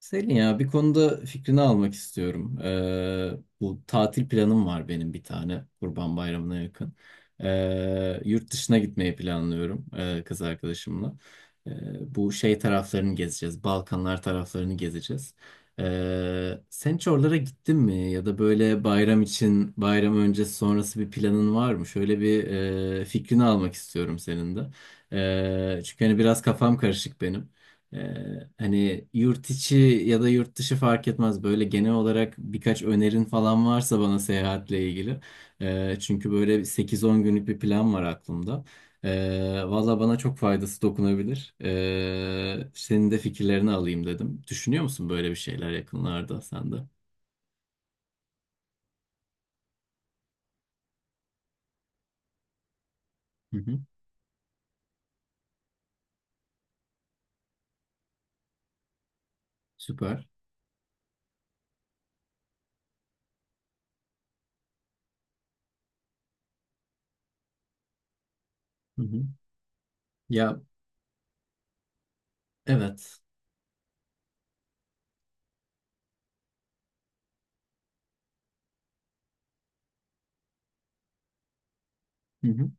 Selin, ya bir konuda fikrini almak istiyorum. Bu tatil planım var benim, bir tane Kurban Bayramı'na yakın. Yurt dışına gitmeyi planlıyorum kız arkadaşımla. Bu şey taraflarını gezeceğiz. Balkanlar taraflarını gezeceğiz. Sen hiç oralara gittin mi? Ya da böyle bayram için, bayram öncesi sonrası bir planın var mı? Şöyle bir fikrini almak istiyorum senin de. Çünkü hani biraz kafam karışık benim. Hani yurt içi ya da yurt dışı fark etmez. Böyle genel olarak birkaç önerin falan varsa bana, seyahatle ilgili. Çünkü böyle 8-10 günlük bir plan var aklımda. Valla bana çok faydası dokunabilir. Senin de fikirlerini alayım dedim. Düşünüyor musun böyle bir şeyler yakınlarda, sen de? Hı hı. Süper. Hı hı. Ya, evet. Hı hı.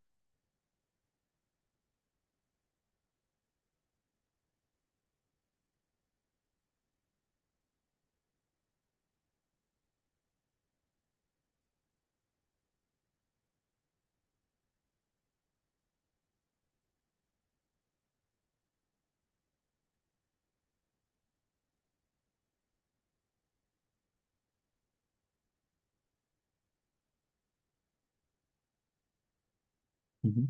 Hı hı.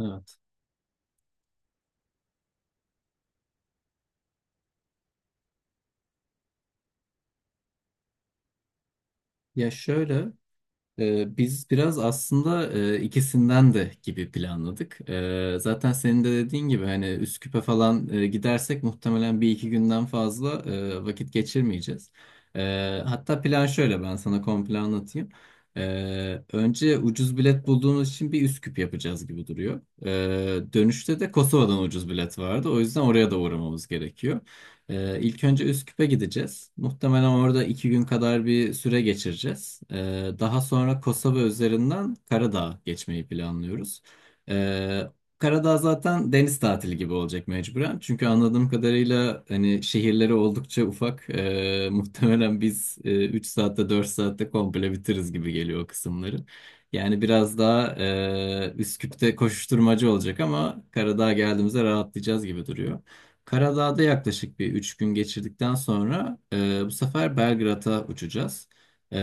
Evet. Ya, şöyle. Biz biraz aslında ikisinden de gibi planladık. Zaten senin de dediğin gibi hani Üsküp'e falan gidersek muhtemelen bir iki günden fazla vakit geçirmeyeceğiz. Hatta plan şöyle, ben sana komple anlatayım. Önce ucuz bilet bulduğumuz için bir Üsküp yapacağız gibi duruyor. Dönüşte de Kosova'dan ucuz bilet vardı. O yüzden oraya da uğramamız gerekiyor. İlk önce Üsküp'e gideceğiz. Muhtemelen orada 2 gün kadar bir süre geçireceğiz. Daha sonra Kosova üzerinden Karadağ'a geçmeyi planlıyoruz. Ee, Karadağ zaten deniz tatili gibi olacak mecburen. Çünkü anladığım kadarıyla hani şehirleri oldukça ufak. Muhtemelen biz 3 saatte 4 saatte komple bitiririz gibi geliyor o kısımları. Yani biraz daha Üsküp'te koşuşturmacı olacak ama Karadağ'a geldiğimizde rahatlayacağız gibi duruyor. Karadağ'da yaklaşık bir 3 gün geçirdikten sonra bu sefer Belgrad'a uçacağız.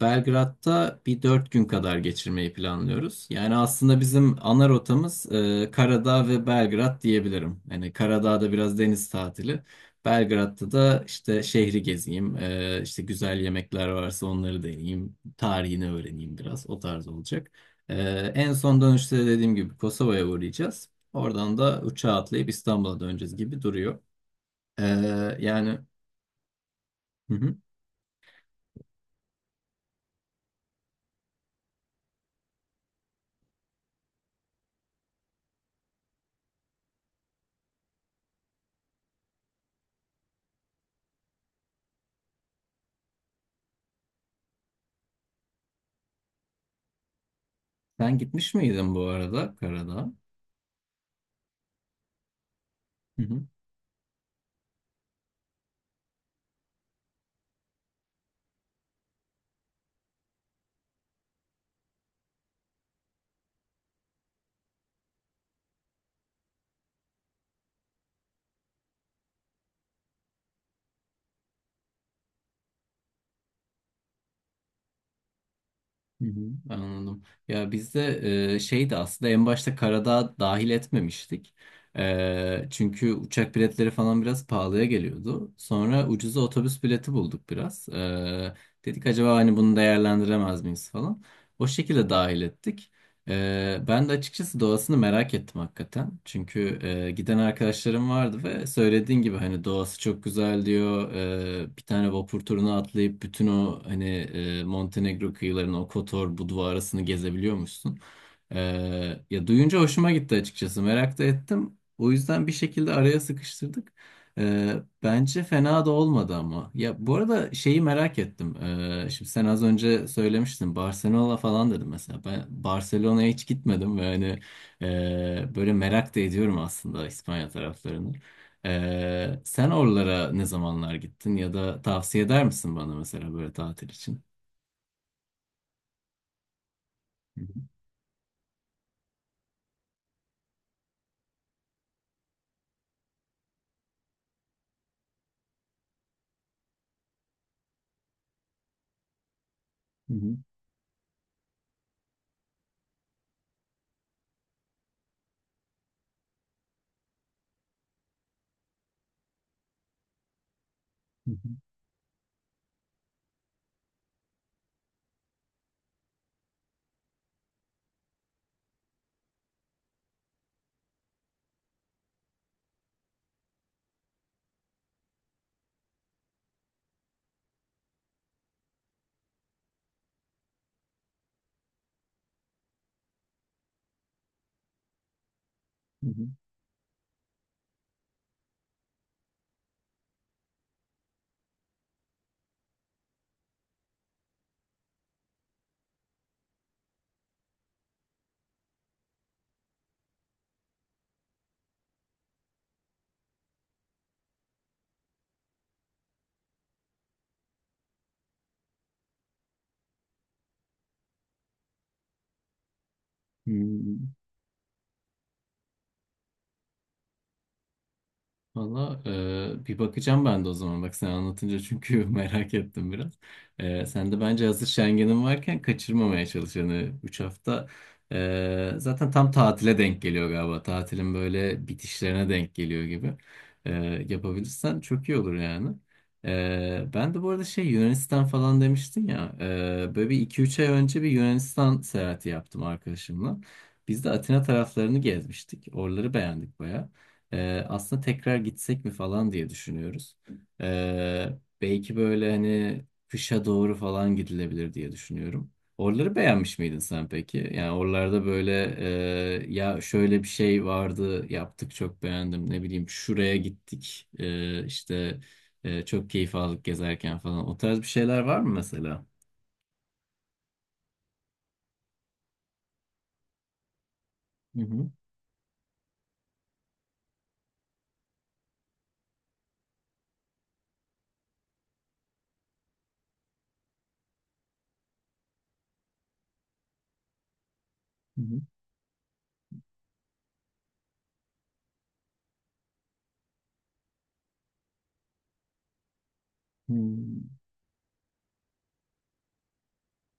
Belgrad'da bir 4 gün kadar geçirmeyi planlıyoruz. Yani aslında bizim ana rotamız Karadağ ve Belgrad diyebilirim. Yani Karadağ'da biraz deniz tatili. Belgrad'da da işte şehri gezeyim, işte güzel yemekler varsa onları deneyeyim, tarihini öğreneyim biraz, o tarz olacak. E, En son dönüşte de, dediğim gibi, Kosova'ya uğrayacağız. Oradan da uçağa atlayıp İstanbul'a döneceğiz gibi duruyor. Ee, Yani, hı hı. Sen gitmiş miydin bu arada karada? Hı hı. Hı hı. Anladım. Ya, bizde şeydi aslında en başta karada dahil etmemiştik. Çünkü uçak biletleri falan biraz pahalıya geliyordu. Sonra ucuza otobüs bileti bulduk biraz. Dedik, acaba hani bunu değerlendiremez miyiz falan. O şekilde dahil ettik. Ben de açıkçası doğasını merak ettim hakikaten. Çünkü giden arkadaşlarım vardı ve söylediğin gibi hani doğası çok güzel diyor. Bir tane vapur turuna atlayıp bütün o hani Montenegro kıyılarını, o Kotor, Budva arasını gezebiliyormuşsun. Ee, Ya, duyunca hoşuma gitti açıkçası. Merak da ettim. O yüzden bir şekilde araya sıkıştırdık. Bence fena da olmadı ama. Ya, bu arada şeyi merak ettim. Şimdi sen az önce söylemiştin, Barcelona falan dedim mesela. Ben Barcelona'ya hiç gitmedim ve hani böyle merak da ediyorum aslında İspanya taraflarını. Sen oralara ne zamanlar gittin, ya da tavsiye eder misin bana mesela böyle tatil için? Hı hı, hı hı, hı hı, hı hı. Valla, bir bakacağım ben de o zaman bak, sen anlatınca, çünkü merak ettim biraz. Sen de bence hazır Schengen'in varken kaçırmamaya çalış. Yani 3 hafta zaten tam tatile denk geliyor galiba. Tatilin böyle bitişlerine denk geliyor gibi. E, Yapabilirsen çok iyi olur yani. Ben de bu arada, şey, Yunanistan falan demiştin ya. Böyle bir 2-3 ay önce bir Yunanistan seyahati yaptım arkadaşımla. Biz de Atina taraflarını gezmiştik. Oraları beğendik, aslında tekrar gitsek mi falan diye düşünüyoruz. Ee, Belki böyle hani kışa doğru falan gidilebilir diye düşünüyorum. Oraları beğenmiş miydin sen peki? Yani oralarda böyle ya, şöyle bir şey vardı yaptık çok beğendim, ne bileyim şuraya gittik işte çok keyif aldık gezerken falan. O tarz bir şeyler var mı mesela? Hı hı. Hı hı. Hmm.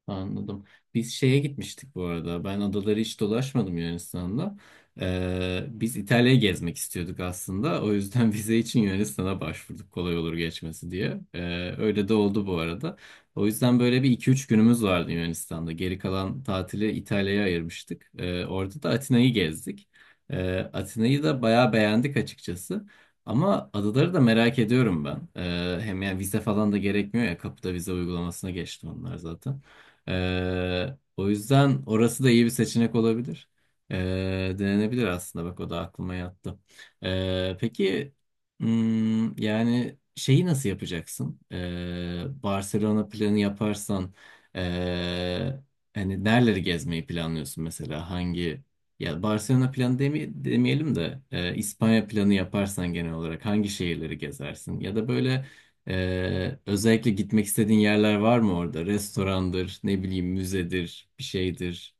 Anladım. Biz şeye gitmiştik bu arada. Ben adaları hiç dolaşmadım Yunanistan'da. Biz İtalya'yı gezmek istiyorduk aslında. O yüzden vize için Yunanistan'a başvurduk, kolay olur geçmesi diye. Öyle de oldu bu arada. O yüzden böyle bir iki üç günümüz vardı Yunanistan'da. Geri kalan tatili İtalya'ya ayırmıştık. Orada da Atina'yı gezdik. Atina'yı da bayağı beğendik açıkçası. Ama adaları da merak ediyorum ben. Hem yani vize falan da gerekmiyor ya. Kapıda vize uygulamasına geçti onlar zaten. O yüzden orası da iyi bir seçenek olabilir. Denenebilir aslında, bak o da aklıma yattı. Peki, yani şeyi nasıl yapacaksın? Barcelona planı yaparsan ee, hani nereleri gezmeyi planlıyorsun mesela? Ya, Barcelona planı demeyelim de İspanya planı yaparsan genel olarak hangi şehirleri gezersin? Ya da böyle özellikle gitmek istediğin yerler var mı orada? Restorandır, ne bileyim, müzedir, bir şeydir.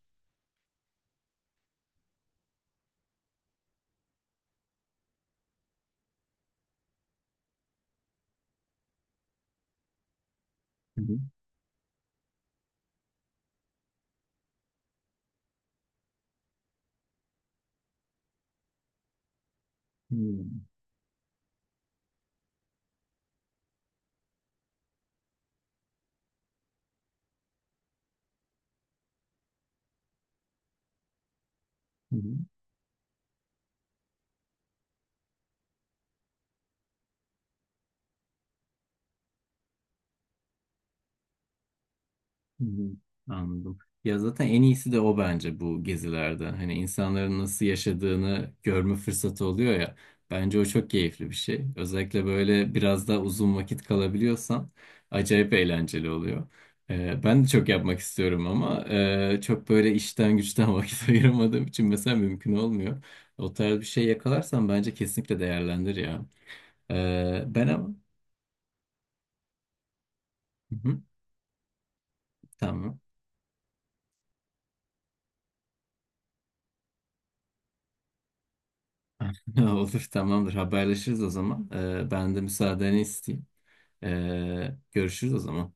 Hı hı. Hmm. Hı hı. Hı hı. Anladım. Ya, zaten en iyisi de o bence bu gezilerde. Hani insanların nasıl yaşadığını görme fırsatı oluyor ya. Bence o çok keyifli bir şey. Özellikle böyle biraz daha uzun vakit kalabiliyorsan, acayip eğlenceli oluyor. Ben de çok yapmak istiyorum ama çok böyle işten güçten vakit ayıramadığım için mesela mümkün olmuyor. O tarz bir şey yakalarsan bence kesinlikle değerlendir ya. Ben ama... Hı hı, tamam. Olur, tamamdır, haberleşiriz o zaman. Ben de müsaadeni isteyeyim. Görüşürüz o zaman.